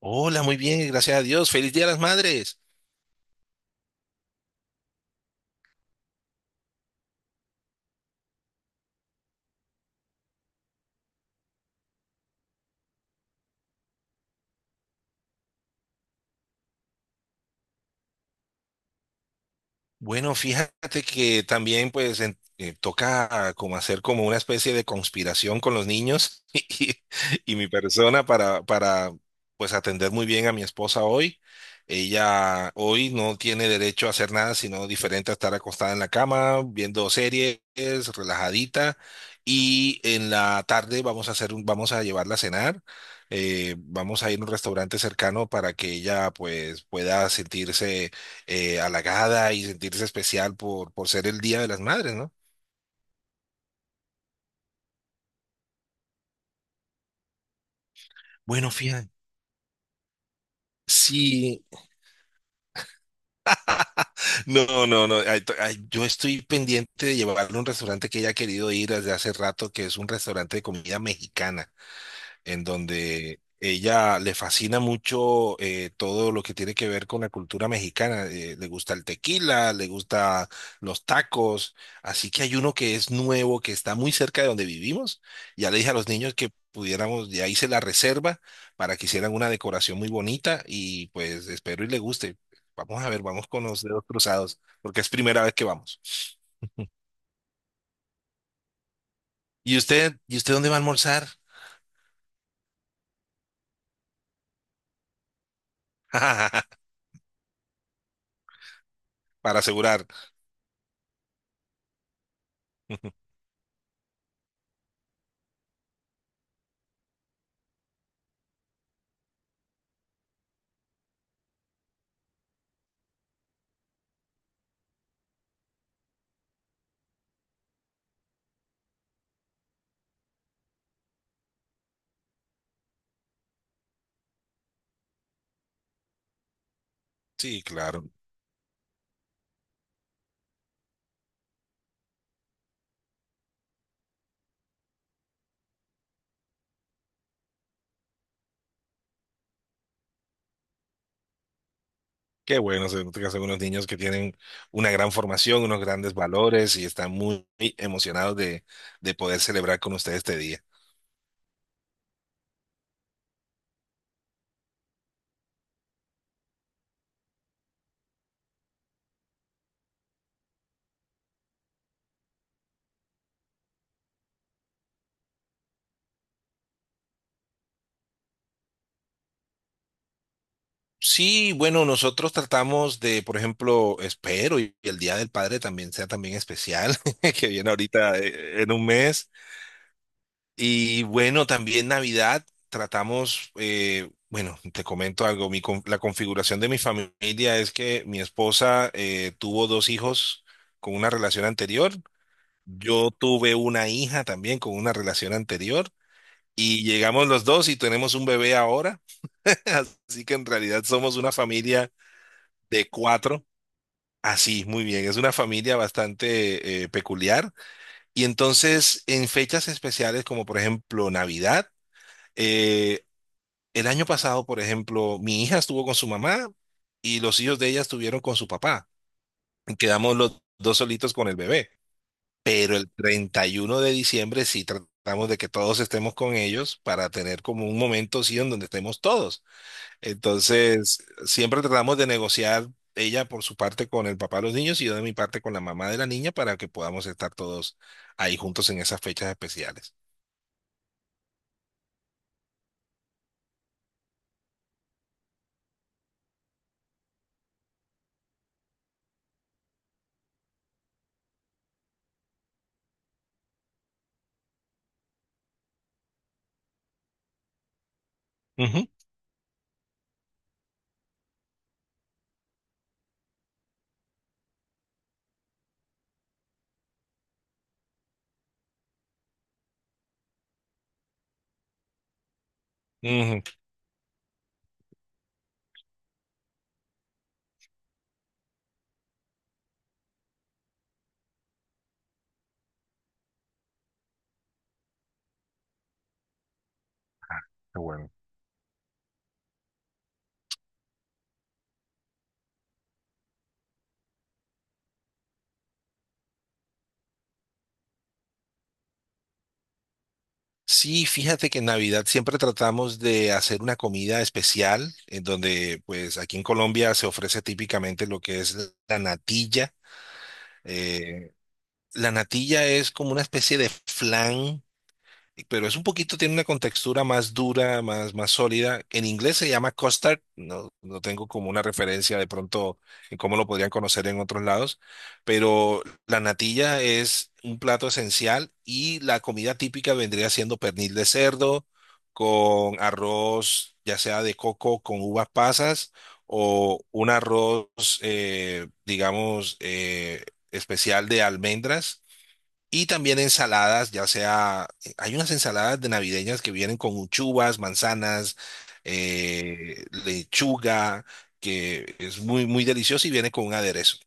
Hola, muy bien, gracias a Dios. Feliz Día de las Madres. Bueno, fíjate que también pues toca como hacer como una especie de conspiración con los niños y mi persona para pues atender muy bien a mi esposa hoy. Ella hoy no tiene derecho a hacer nada sino diferente a estar acostada en la cama, viendo series, relajadita. Y en la tarde vamos a llevarla a cenar. Vamos a ir a un restaurante cercano para que ella pues pueda sentirse halagada y sentirse especial por ser el Día de las Madres, ¿no? Bueno, fíjate. Sí, no, no, no. Ay, yo estoy pendiente de llevarle a un restaurante que ella ha querido ir desde hace rato, que es un restaurante de comida mexicana. En donde ella le fascina mucho todo lo que tiene que ver con la cultura mexicana. Le gusta el tequila, le gusta los tacos. Así que hay uno que es nuevo, que está muy cerca de donde vivimos. Ya le dije a los niños que pudiéramos, ya se la reserva para que hicieran una decoración muy bonita y pues espero y le guste. Vamos a ver, vamos con los dedos cruzados, porque es primera vez que vamos. ¿Y usted dónde va a almorzar? Para asegurar. Sí, claro. Qué bueno, se nota que son unos niños que tienen una gran formación, unos grandes valores y están muy emocionados de poder celebrar con ustedes este día. Sí, bueno, nosotros tratamos de, por ejemplo, espero y el Día del Padre también sea también especial, que viene ahorita en un mes. Y bueno, también Navidad tratamos, bueno, te comento algo, la configuración de mi familia es que mi esposa tuvo dos hijos con una relación anterior, yo tuve una hija también con una relación anterior y llegamos los dos y tenemos un bebé ahora, así que en realidad somos una familia de cuatro. Así, muy bien, es una familia bastante peculiar. Y entonces, en fechas especiales como por ejemplo Navidad. eh, El año pasado, por ejemplo, mi hija estuvo con su mamá y los hijos de ella estuvieron con su papá. Quedamos los dos solitos con el bebé. Pero el 31 de diciembre sí tratamos de que todos estemos con ellos para tener como un momento, sí, en donde estemos todos. Entonces, siempre tratamos de negociar ella por su parte con el papá de los niños y yo de mi parte con la mamá de la niña para que podamos estar todos ahí juntos en esas fechas especiales. Ujú, ujú. Qué bueno. Sí, fíjate que en Navidad siempre tratamos de hacer una comida especial, en donde pues aquí en Colombia se ofrece típicamente lo que es la natilla. Eh, la natilla es como una especie de flan pero es un poquito, tiene una contextura más dura, más sólida. En inglés se llama custard, no, no tengo como una referencia de pronto en cómo lo podrían conocer en otros lados, pero la natilla es un plato esencial y la comida típica vendría siendo pernil de cerdo con arroz, ya sea de coco con uvas pasas o un arroz, digamos, especial de almendras y también ensaladas, ya sea, hay unas ensaladas de navideñas que vienen con uchubas, manzanas, lechuga, que es muy, muy delicioso y viene con un aderezo.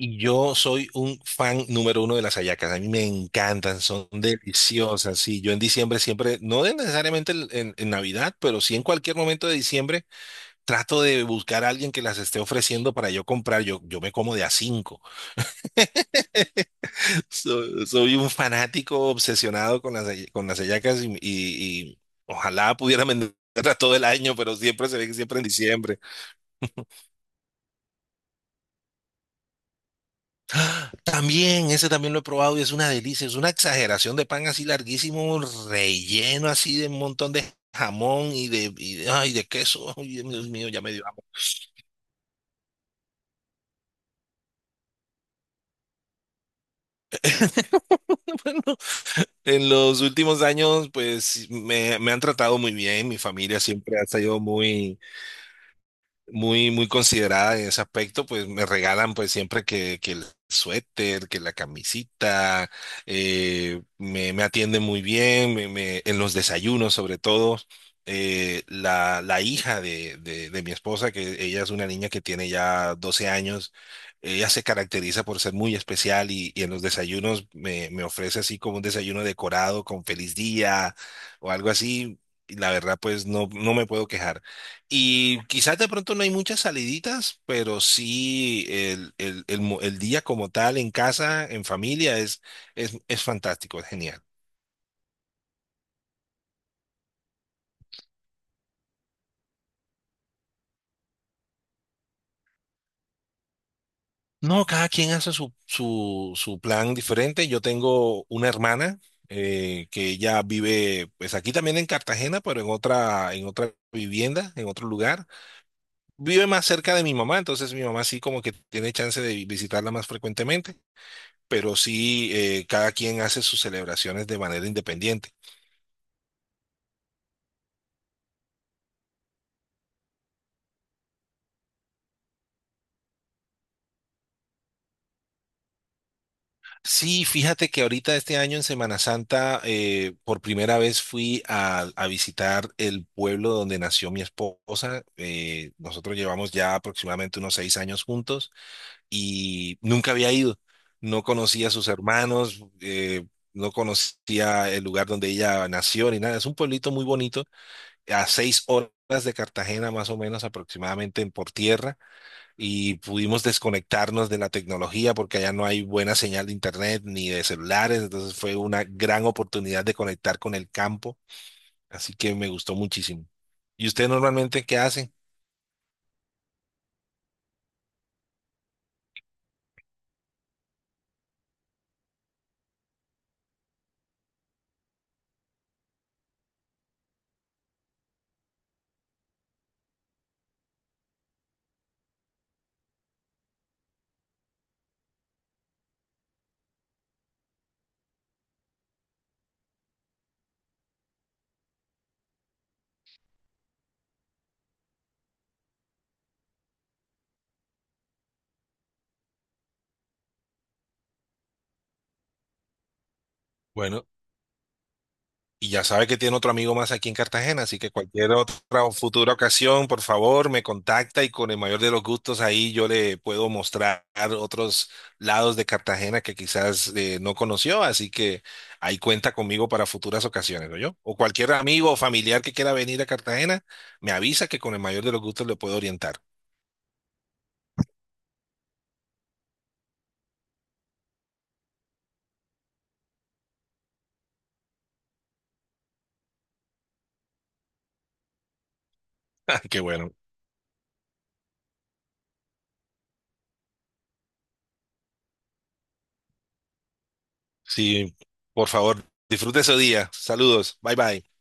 Y yo soy un fan número uno de las hallacas. A mí me encantan, son deliciosas. Sí, yo en diciembre siempre, no necesariamente en Navidad, pero sí en cualquier momento de diciembre, trato de buscar a alguien que las esté ofreciendo para yo comprar. Yo me como de a cinco. Soy un fanático obsesionado con las hallacas y ojalá pudiera venderlas todo el año, pero siempre se ve que siempre en diciembre. ¡Ah! También, ese también lo he probado y es una delicia, es una exageración de pan así larguísimo, relleno así de un montón de jamón y de queso. Ay, Dios mío, ya me dio hambre. En los últimos años, pues me han tratado muy bien, mi familia siempre ha sido muy muy, muy considerada en ese aspecto, pues me regalan pues siempre que el suéter, que la camisita, me atienden muy bien, en los desayunos sobre todo. La hija de mi esposa, que ella es una niña que tiene ya 12 años, ella se caracteriza por ser muy especial y en los desayunos me ofrece así como un desayuno decorado con feliz día o algo así. Y la verdad, pues no, no me puedo quejar. Y quizás de pronto no hay muchas saliditas, pero sí el día como tal en casa, en familia, es, es fantástico, es genial. No, cada quien hace su plan diferente. Yo tengo una hermana que ella vive, pues aquí también en Cartagena, pero en otra vivienda, en otro lugar. Vive más cerca de mi mamá, entonces mi mamá sí como que tiene chance de visitarla más frecuentemente, pero sí cada quien hace sus celebraciones de manera independiente. Sí, fíjate que ahorita este año en Semana Santa por primera vez fui a visitar el pueblo donde nació mi esposa. Nosotros llevamos ya aproximadamente unos 6 años juntos y nunca había ido. No conocía a sus hermanos, no conocía el lugar donde ella nació ni nada. Es un pueblito muy bonito, a 6 horas de Cartagena más o menos aproximadamente por tierra y pudimos desconectarnos de la tecnología porque allá no hay buena señal de internet ni de celulares, entonces fue una gran oportunidad de conectar con el campo, así que me gustó muchísimo. ¿Y usted normalmente qué hace? Bueno, y ya sabe que tiene otro amigo más aquí en Cartagena, así que cualquier otra o futura ocasión, por favor, me contacta y con el mayor de los gustos ahí yo le puedo mostrar otros lados de Cartagena que quizás no conoció, así que ahí cuenta conmigo para futuras ocasiones, ¿no yo? O cualquier amigo o familiar que quiera venir a Cartagena, me avisa que con el mayor de los gustos le puedo orientar. Qué bueno. Sí, por favor, disfrute su día. Saludos. Bye bye.